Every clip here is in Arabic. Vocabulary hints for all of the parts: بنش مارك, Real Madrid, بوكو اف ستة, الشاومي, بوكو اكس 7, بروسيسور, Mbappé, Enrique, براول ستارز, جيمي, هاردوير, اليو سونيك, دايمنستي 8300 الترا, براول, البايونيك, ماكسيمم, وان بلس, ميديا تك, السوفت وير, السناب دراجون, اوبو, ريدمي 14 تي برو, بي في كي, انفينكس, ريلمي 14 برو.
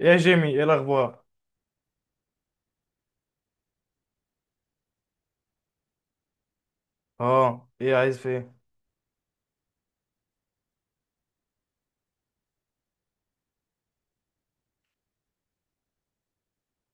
يا جيمي، ايه الاخبار؟ اه، ايه، عايز في ايه؟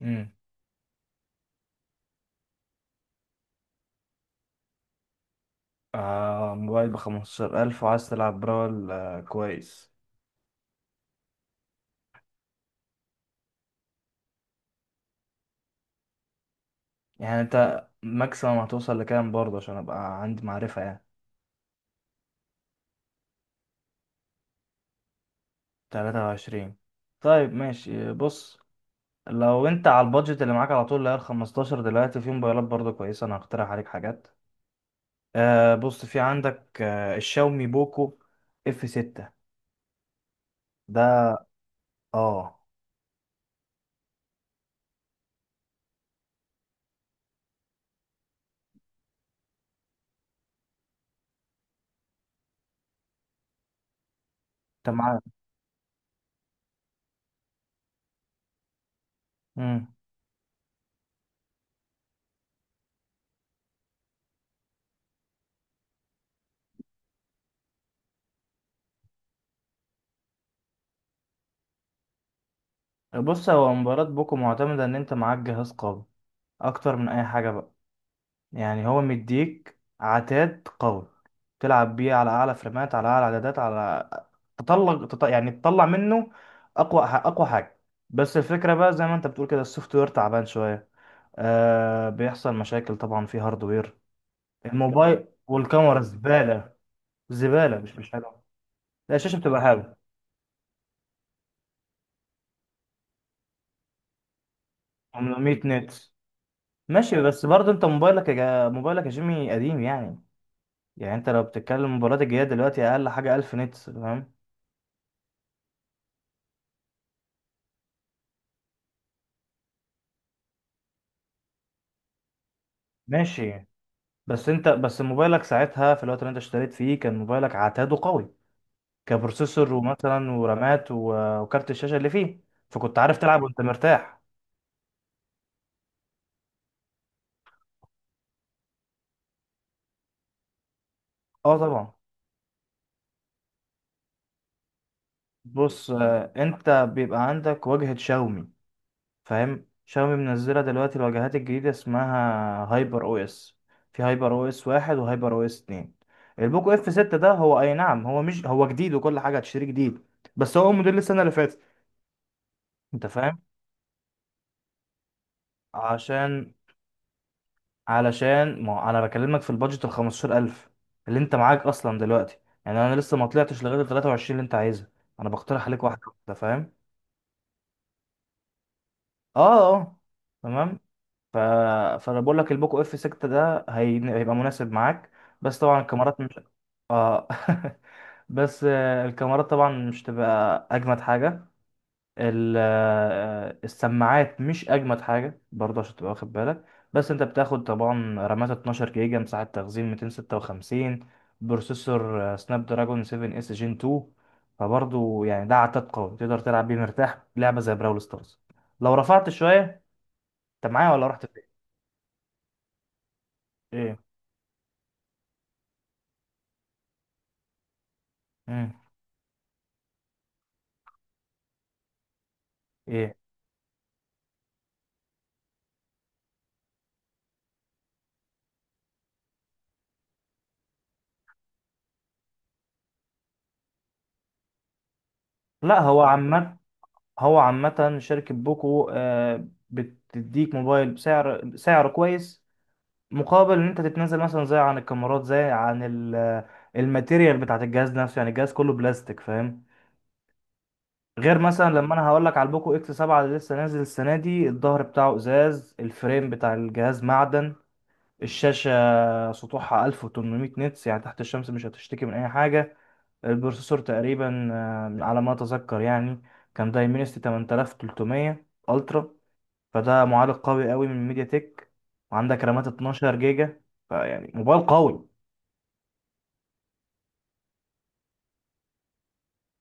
امم آه، موبايل بخمستاشر الف وعايز تلعب براول، كويس. يعني انت ماكسيمم هتوصل لكام برضه، عشان ابقى عندي معرفة يعني؟ تلاتة وعشرين؟ طيب، ماشي، بص. لو انت على البادجت اللي معاك على طول، اللي هي الخمستاشر دلوقتي، في موبايلات برضه كويسة، انا هقترح عليك حاجات. بص، في عندك الشاومي بوكو اف ستة ده. اه، انت معاك. بص، هو مباراة بوكو معتمدة ان انت معاك جهاز قوي اكتر من اي حاجة بقى. يعني هو مديك عتاد قوي تلعب بيه على اعلى فريمات، على اعلى عدادات، على يعني تطلع منه اقوى حاجة. بس الفكرة بقى زي ما انت بتقول كده، السوفت وير تعبان شوية. آه، بيحصل مشاكل طبعا في هاردوير الموبايل، والكاميرا زبالة، زبالة، مش حلوة. لا، الشاشة بتبقى حلوة. 800 نت؟ ماشي، بس برضه انت موبايلك موبايلك يا جيمي قديم يعني. يعني انت لو بتتكلم موبايلات الجديدة دلوقتي، اقل حاجة 1000 نتس، فاهم؟ ماشي، بس انت، بس موبايلك ساعتها في الوقت اللي انت اشتريت فيه كان موبايلك عتاده قوي، كبروسيسور ومثلا ورامات وكارت الشاشة اللي فيه. فكنت عارف تلعب وانت مرتاح. اه، طبعا. بص، انت بيبقى عندك واجهة شاومي، فاهم؟ شاومي منزله دلوقتي الواجهات الجديده، اسمها هايبر او اس. في هايبر او اس واحد وهايبر او اس اتنين. البوك اف 6 ده، هو اي نعم، هو، مش هو جديد وكل حاجه هتشتريه جديد، بس هو موديل السنه اللي فاتت، انت فاهم؟ عشان، ما هو انا بكلمك في البادجت ال 15000 اللي انت معاك اصلا دلوقتي. يعني انا لسه ما طلعتش لغايه ال 23 اللي انت عايزها، انا بقترح عليك واحده، انت فاهم؟ اه، اه، تمام. ف... فانا بقول لك البوكو اف 6 ده هيبقى مناسب معاك. بس طبعا الكاميرات مش، اه. بس الكاميرات طبعا مش تبقى اجمد حاجه. ال... آه، السماعات مش اجمد حاجه برضه، عشان تبقى واخد بالك. بس انت بتاخد طبعا رامات 12 جيجا، مساحه تخزين 256، بروسيسور سناب دراجون 7 اس جين 2. فبرضه يعني ده عتاد قوي، تقدر تلعب بيه مرتاح لعبه زي براول ستارز لو رفعت شويه. انت معايا ولا رحت فين؟ ايه؟ ايه؟ لا، هو عامة شركة بوكو، بتديك موبايل بسعر، سعر كويس، مقابل ان انت تتنازل مثلا زي عن الكاميرات، زي عن الماتيريال بتاعت الجهاز نفسه، يعني الجهاز كله بلاستيك، فاهم؟ غير مثلا لما انا هقول لك على البوكو اكس 7 اللي لسه نازل السنة دي، الظهر بتاعه ازاز، الفريم بتاع الجهاز معدن، الشاشة سطوحها 1800 نتس يعني تحت الشمس مش هتشتكي من اي حاجة. البروسيسور تقريبا، على ما اتذكر يعني، كان دايمنستي 8300 الترا، فده معالج قوي قوي من ميديا تك. وعندك رامات 12 جيجا، فيعني موبايل قوي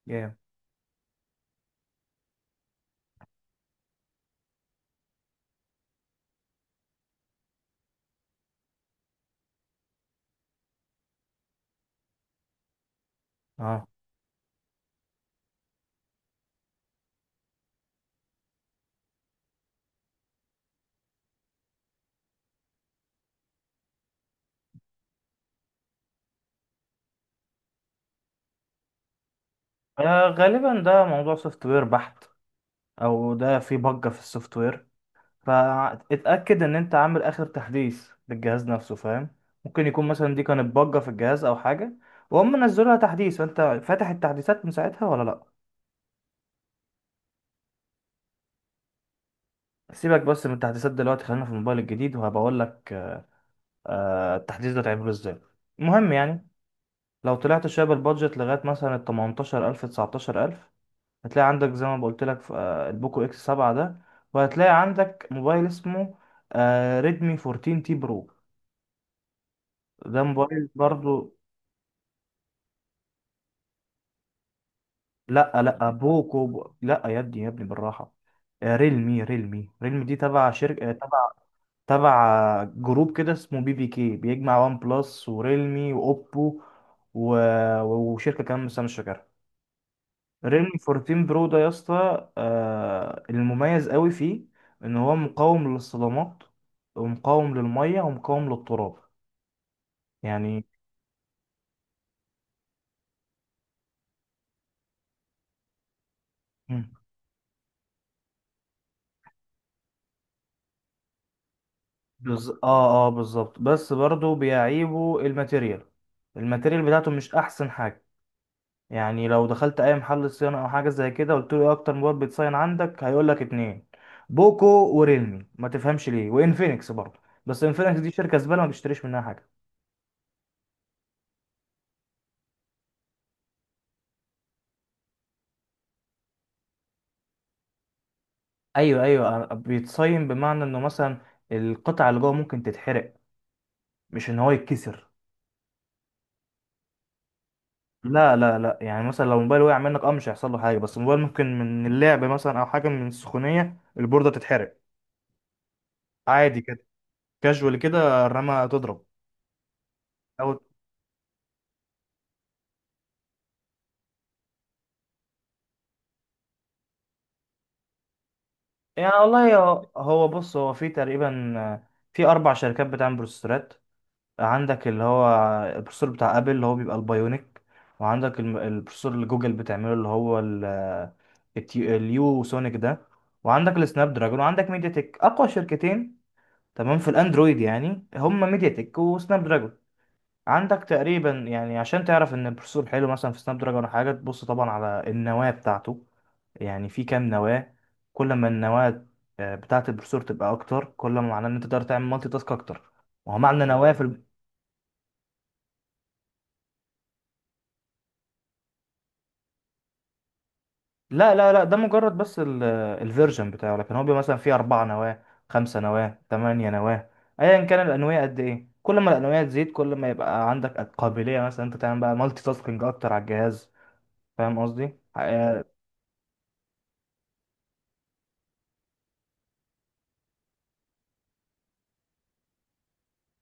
جامد. اه، غالبا ده موضوع سوفت وير بحت، او ده في بجة في السوفت وير. فاتاكد ان انت عامل اخر تحديث للجهاز نفسه، فاهم؟ ممكن يكون مثلا دي كانت بجة في الجهاز او حاجة، وهم نزلوا لها تحديث، فانت فاتح التحديثات من ساعتها ولا لا؟ سيبك بس من التحديثات دلوقتي، خلينا في الموبايل الجديد، وهبقول لك التحديث ده تعمله ازاي. المهم يعني، لو طلعت شويه بالبادجت لغايه مثلا ال 18000، 19000، هتلاقي عندك زي ما قلت لك في البوكو اكس 7 ده، وهتلاقي عندك موبايل اسمه ريدمي 14 تي برو. ده موبايل برضو، لا لا، لا يا ابني، يا ابني، بالراحه. ريلمي، ريلمي دي تبع شركه، تبع جروب كده اسمه بي في كي، بيجمع وان بلس وريلمي واوبو، و... وشركه كمان بس انا مش فاكرها. ريلمي 14 برو ده يا اسطى، المميز قوي فيه ان هو مقاوم للصدمات، ومقاوم للميه، ومقاوم للتراب، يعني. مم. اه، اه بالظبط، بس برضو بيعيبه الماتيريال. الماتيريال بتاعته مش احسن حاجه. يعني لو دخلت اي محل صيانه او حاجه زي كده، قلت له ايه اكتر موبايل بيتصين عندك، هيقول لك اتنين: بوكو وريلمي، ما تفهمش ليه، وانفينكس برضه. بس انفينكس دي شركه زباله، ما بيشتريش منها حاجه. ايوه، ايوه، بيتصين بمعنى انه مثلا القطعه اللي جوه ممكن تتحرق، مش ان هو يتكسر. لا لا لا، يعني مثلا لو موبايل وقع منك، اه، مش هيحصل له حاجه، بس الموبايل ممكن من اللعب مثلا او حاجه، من السخونيه البورده تتحرق، عادي كده، كاجوال كده، الرمه تضرب، او. يعني والله، هو هو بص، هو في تقريبا، في اربع شركات بتعمل بروسيسورات. عندك اللي هو البروسيسور بتاع ابل اللي هو بيبقى البايونيك، وعندك البروسيسور اللي جوجل بتعمله اللي هو اليو سونيك ده، وعندك السناب دراجون، وعندك ميديا تك. اقوى شركتين تمام في الاندرويد يعني، هم ميديا تك وسناب دراجون. عندك تقريبا يعني، عشان تعرف ان البروسيسور حلو مثلا في سناب دراجون ولا حاجه، تبص طبعا على النواه بتاعته، يعني في كام نواه. كل ما النواه، بتاعه البروسيسور، تبقى اكتر، كل ما معناه ان انت تقدر تعمل مالتي تاسك اكتر. وهو معنى نواه في لا لا لا، ده مجرد بس الفيرجن بتاعه، لكن هو بيبقى مثلا فيه اربع نواه، خمسه نواه، ثمانيه نواه. ايا كان الانويه قد ايه، كل ما الانويه تزيد، كل ما يبقى عندك قابليه مثلا انت تعمل بقى مالتي تاسكينج اكتر على الجهاز، فاهم قصدي؟ اه،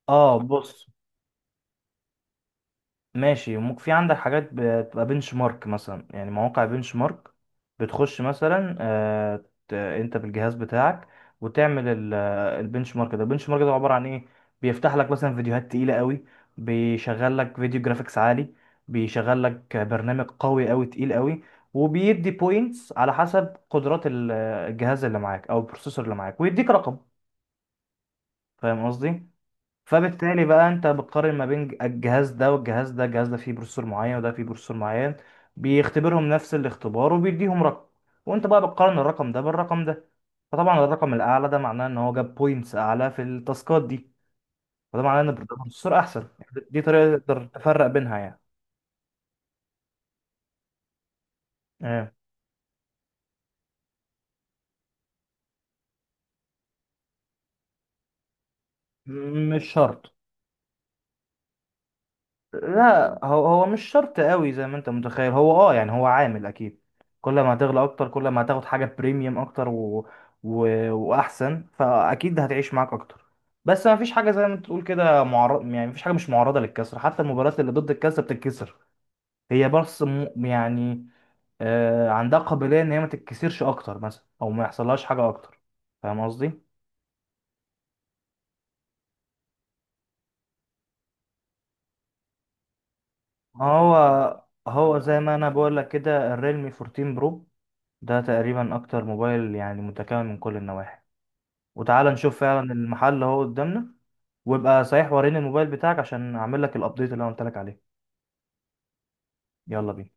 بص. ماشي، ممكن في عندك حاجات بتبقى بنش مارك مثلا، يعني مواقع بنش مارك، بتخش مثلا، انت بالجهاز بتاعك، وتعمل البنش مارك ده. البنش مارك ده عبارة عن ايه؟ بيفتح لك مثلا فيديوهات تقيلة قوي، بيشغل لك فيديو جرافيكس عالي، بيشغل لك برنامج قوي قوي تقيل قوي، وبيدي بوينتس على حسب قدرات الجهاز اللي معاك او البروسيسور اللي معاك، ويديك رقم، فاهم قصدي؟ فبالتالي بقى انت بتقارن ما بين الجهاز ده والجهاز ده، الجهاز ده فيه بروسيسور معين وده فيه بروسيسور معين، بيختبرهم نفس الاختبار، وبيديهم رقم، وانت بقى بتقارن الرقم ده بالرقم ده. فطبعا الرقم الاعلى ده معناه ان هو جاب بوينتس اعلى في التاسكات دي، وده معناه ان البروسيسور احسن. يعني دي طريقة تقدر تفرق بينها يعني. اه. مش شرط. لا، هو هو مش شرط قوي زي ما انت متخيل. هو، اه يعني، هو عامل اكيد، كل ما هتغلى اكتر كل ما هتاخد حاجه بريميوم اكتر و... واحسن، فاكيد هتعيش معاك اكتر. بس ما فيش حاجه زي ما انت تقول كده معرض، يعني ما فيش حاجه مش معرضه للكسر، حتى المباريات اللي ضد الكسر بتتكسر. هي بس يعني، آه، عندها قابليه ان هي ما تتكسرش اكتر مثلا، او ما يحصلهاش حاجه اكتر، فاهم قصدي؟ هو هو زي ما انا بقول لك كده الريلمي 14 برو ده تقريبا اكتر موبايل يعني متكامل من كل النواحي. وتعال نشوف فعلا، المحل اهو قدامنا. وابقى صحيح وريني الموبايل بتاعك عشان اعمل لك الابديت اللي انا قلت لك عليه. يلا بينا.